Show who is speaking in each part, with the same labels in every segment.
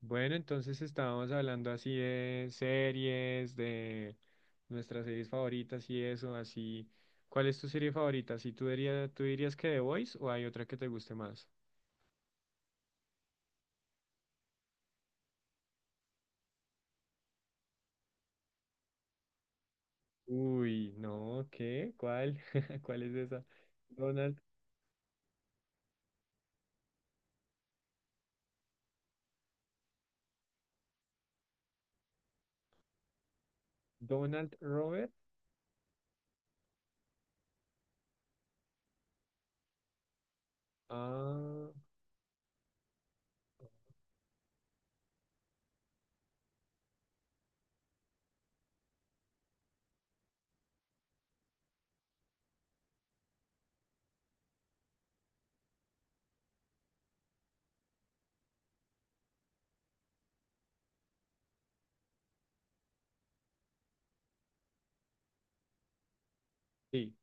Speaker 1: Bueno, entonces estábamos hablando así de series, de nuestras series favoritas y eso, así. ¿Cuál es tu serie favorita? Si tú dirías que The Voice o hay otra que te guste más? Uy, no, ¿qué? ¿Cuál? ¿Cuál es esa? Donald, Donald Robert. Ah, sí.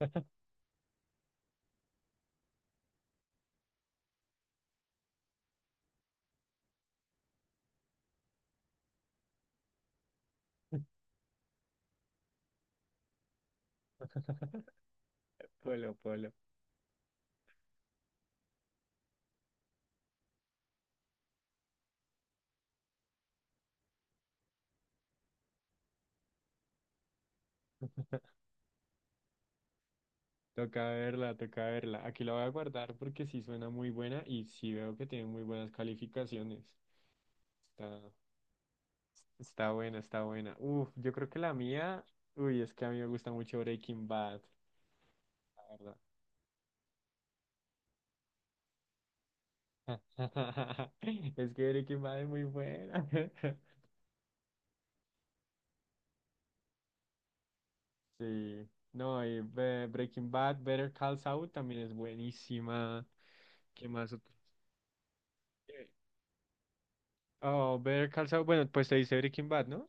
Speaker 1: Polo, Polo. Toca verla, toca verla. Aquí la voy a guardar porque sí suena muy buena y sí veo que tiene muy buenas calificaciones. Está. Está buena, está buena. Uf, yo creo que la mía, uy, es que a mí me gusta mucho Breaking Bad, la verdad. Es que Breaking Bad es muy buena. Sí, no, y Breaking Bad, Better Call Saul también es buenísima. ¿Qué más? ¿Otro? Eh, Oh, Better Call Saul, bueno, pues te dice Breaking Bad, ¿no?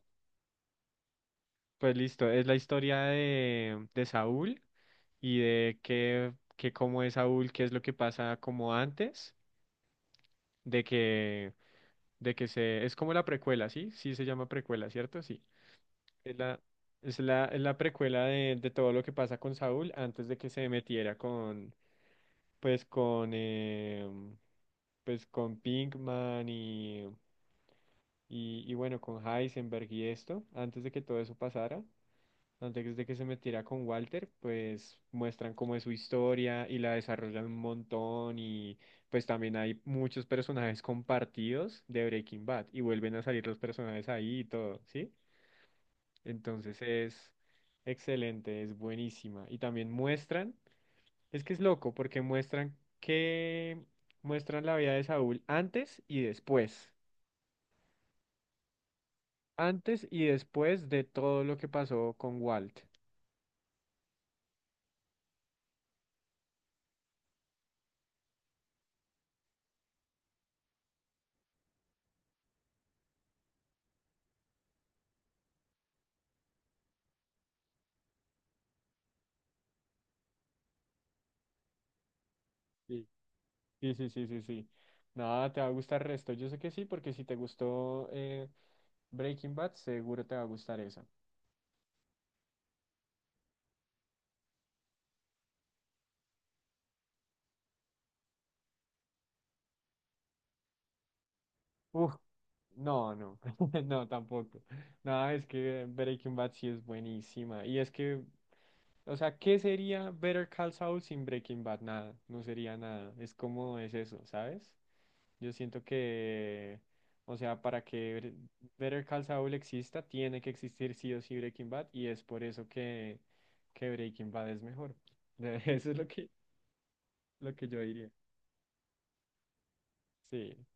Speaker 1: Pues listo, es la historia de Saúl y de que cómo es Saúl, qué es lo que pasa como antes, de que es como la precuela, ¿sí? Sí se llama precuela, ¿cierto? Sí. Es la, es la precuela de todo lo que pasa con Saúl antes de que se metiera con, pues con, pues con Pinkman y bueno, con Heisenberg y esto, antes de que todo eso pasara. Antes de que se metiera con Walter, pues muestran cómo es su historia y la desarrollan un montón y pues también hay muchos personajes compartidos de Breaking Bad y vuelven a salir los personajes ahí y todo, ¿sí? Entonces es excelente, es buenísima. Y también muestran, es que es loco porque muestran la vida de Saúl antes y después de todo lo que pasó con Walt. Sí. Sí, sí, sí, sí, sí. Nada, te va a gustar el resto. Yo sé que sí, porque si te gustó Breaking Bad, seguro te va a gustar esa. Uf, no, no, no, tampoco. Nada, es que Breaking Bad sí es buenísima. Y es que, o sea, ¿qué sería Better Call Saul sin Breaking Bad? Nada, no sería nada. Es como es eso, ¿sabes? Yo siento que, o sea, para que Better Call Saul exista, tiene que existir sí o sí Breaking Bad y es por eso que Breaking Bad es mejor. Eso es lo que yo diría. Sí,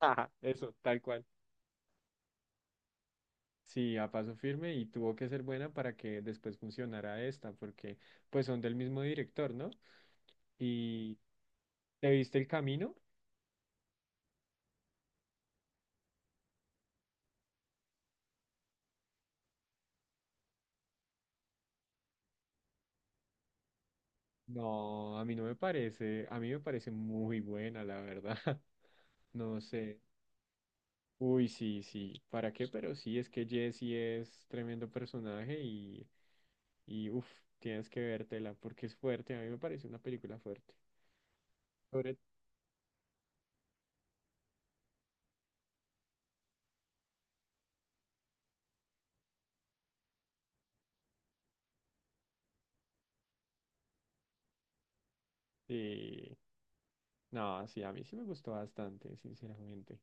Speaker 1: ajá, eso, tal cual. Sí, a paso firme y tuvo que ser buena para que después funcionara esta, porque pues son del mismo director, ¿no? ¿Y te viste El Camino? No, a mí no me parece, a mí me parece muy buena, la verdad. No sé. Uy, sí, sí. ¿Para qué? Pero sí, es que Jessie es tremendo personaje y uff, tienes que vértela porque es fuerte. A mí me parece una película fuerte. Sobre... Sí. No, sí, a mí sí me gustó bastante, sinceramente.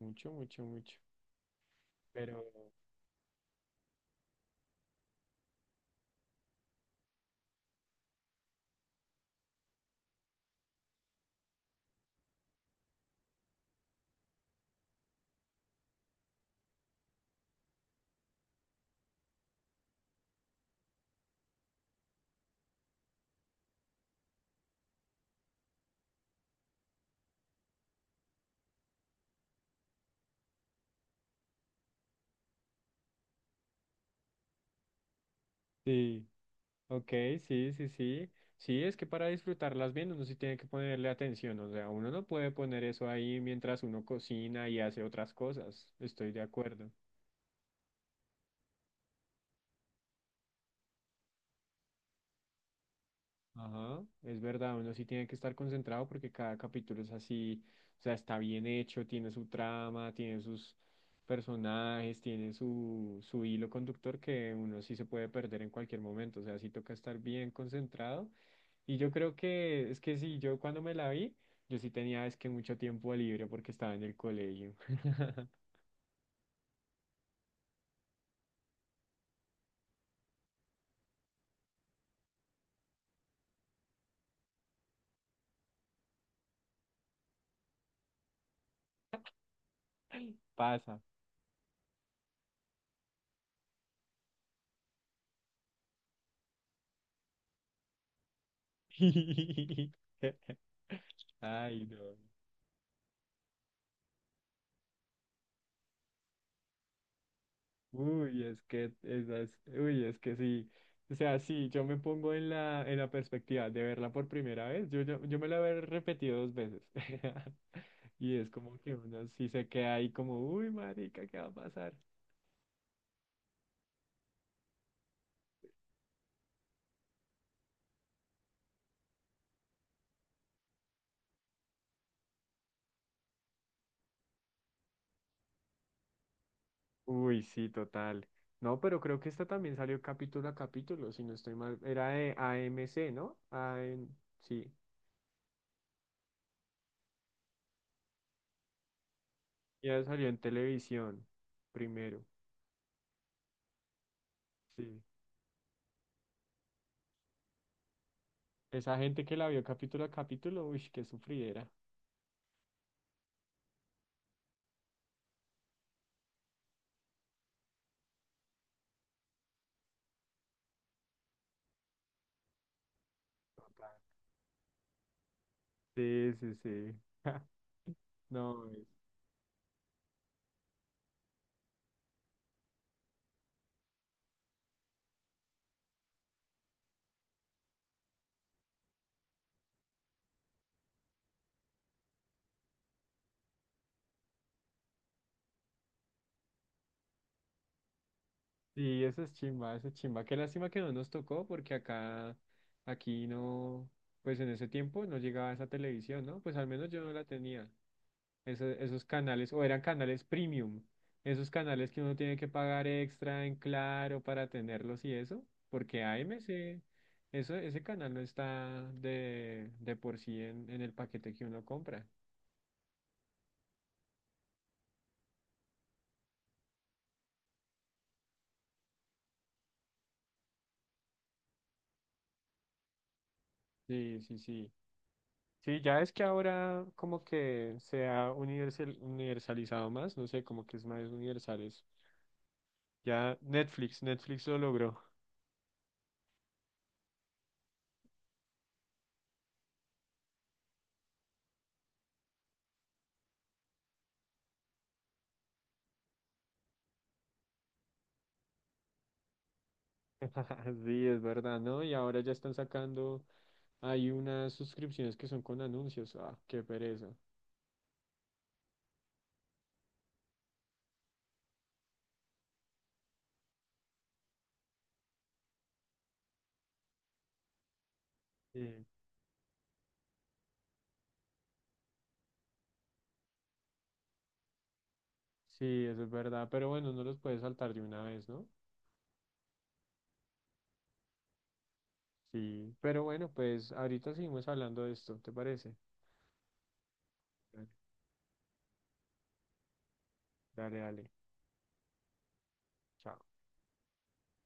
Speaker 1: Mucho, mucho, mucho. Pero sí. Ok, sí, sí, sí. Sí, es que para disfrutarlas bien uno sí tiene que ponerle atención, o sea, uno no puede poner eso ahí mientras uno cocina y hace otras cosas, estoy de acuerdo. Ajá, es verdad, uno sí tiene que estar concentrado porque cada capítulo es así, o sea, está bien hecho, tiene su trama, tiene sus personajes, tiene su hilo conductor que uno sí se puede perder en cualquier momento, o sea, sí toca estar bien concentrado. Y yo creo que es que sí, yo cuando me la vi, yo sí tenía es que mucho tiempo libre porque estaba en el colegio. Pasa. Ay, no. Uy, es que esas, uy, es que sí. O sea, sí, yo me pongo en la perspectiva de verla por primera vez. Yo me la he repetido dos veces. Y es como que uno sí se queda ahí como, uy, marica, ¿qué va a pasar? Uy, sí, total. No, pero creo que esta también salió capítulo a capítulo, si no estoy mal. Era de AMC, ¿no? AM, sí. Ya salió en televisión primero. Sí. Esa gente que la vio capítulo a capítulo, uy, qué sufridera. Sí, sí, sí. No, sí, eso es chimba, eso es chimba. Qué lástima que no nos tocó, porque acá, aquí no, pues en ese tiempo no llegaba esa televisión, ¿no? Pues al menos yo no la tenía. Esos canales, o eran canales premium, esos canales que uno tiene que pagar extra en Claro para tenerlos y eso, porque AMC, eso, ese canal no está de por sí en el paquete que uno compra. Sí, sí, sí. Sí, ya es que ahora como que se ha universalizado más, no sé, como que es más universales. Ya Netflix, Netflix lo logró. Sí, es verdad, ¿no? Y ahora ya están sacando hay unas suscripciones que son con anuncios. Ah, qué pereza. Sí. Sí, eso es verdad, pero bueno, no los puedes saltar de una vez, ¿no? Sí, pero bueno, pues ahorita seguimos hablando de esto, ¿te parece? Dale, dale, dale. Chao.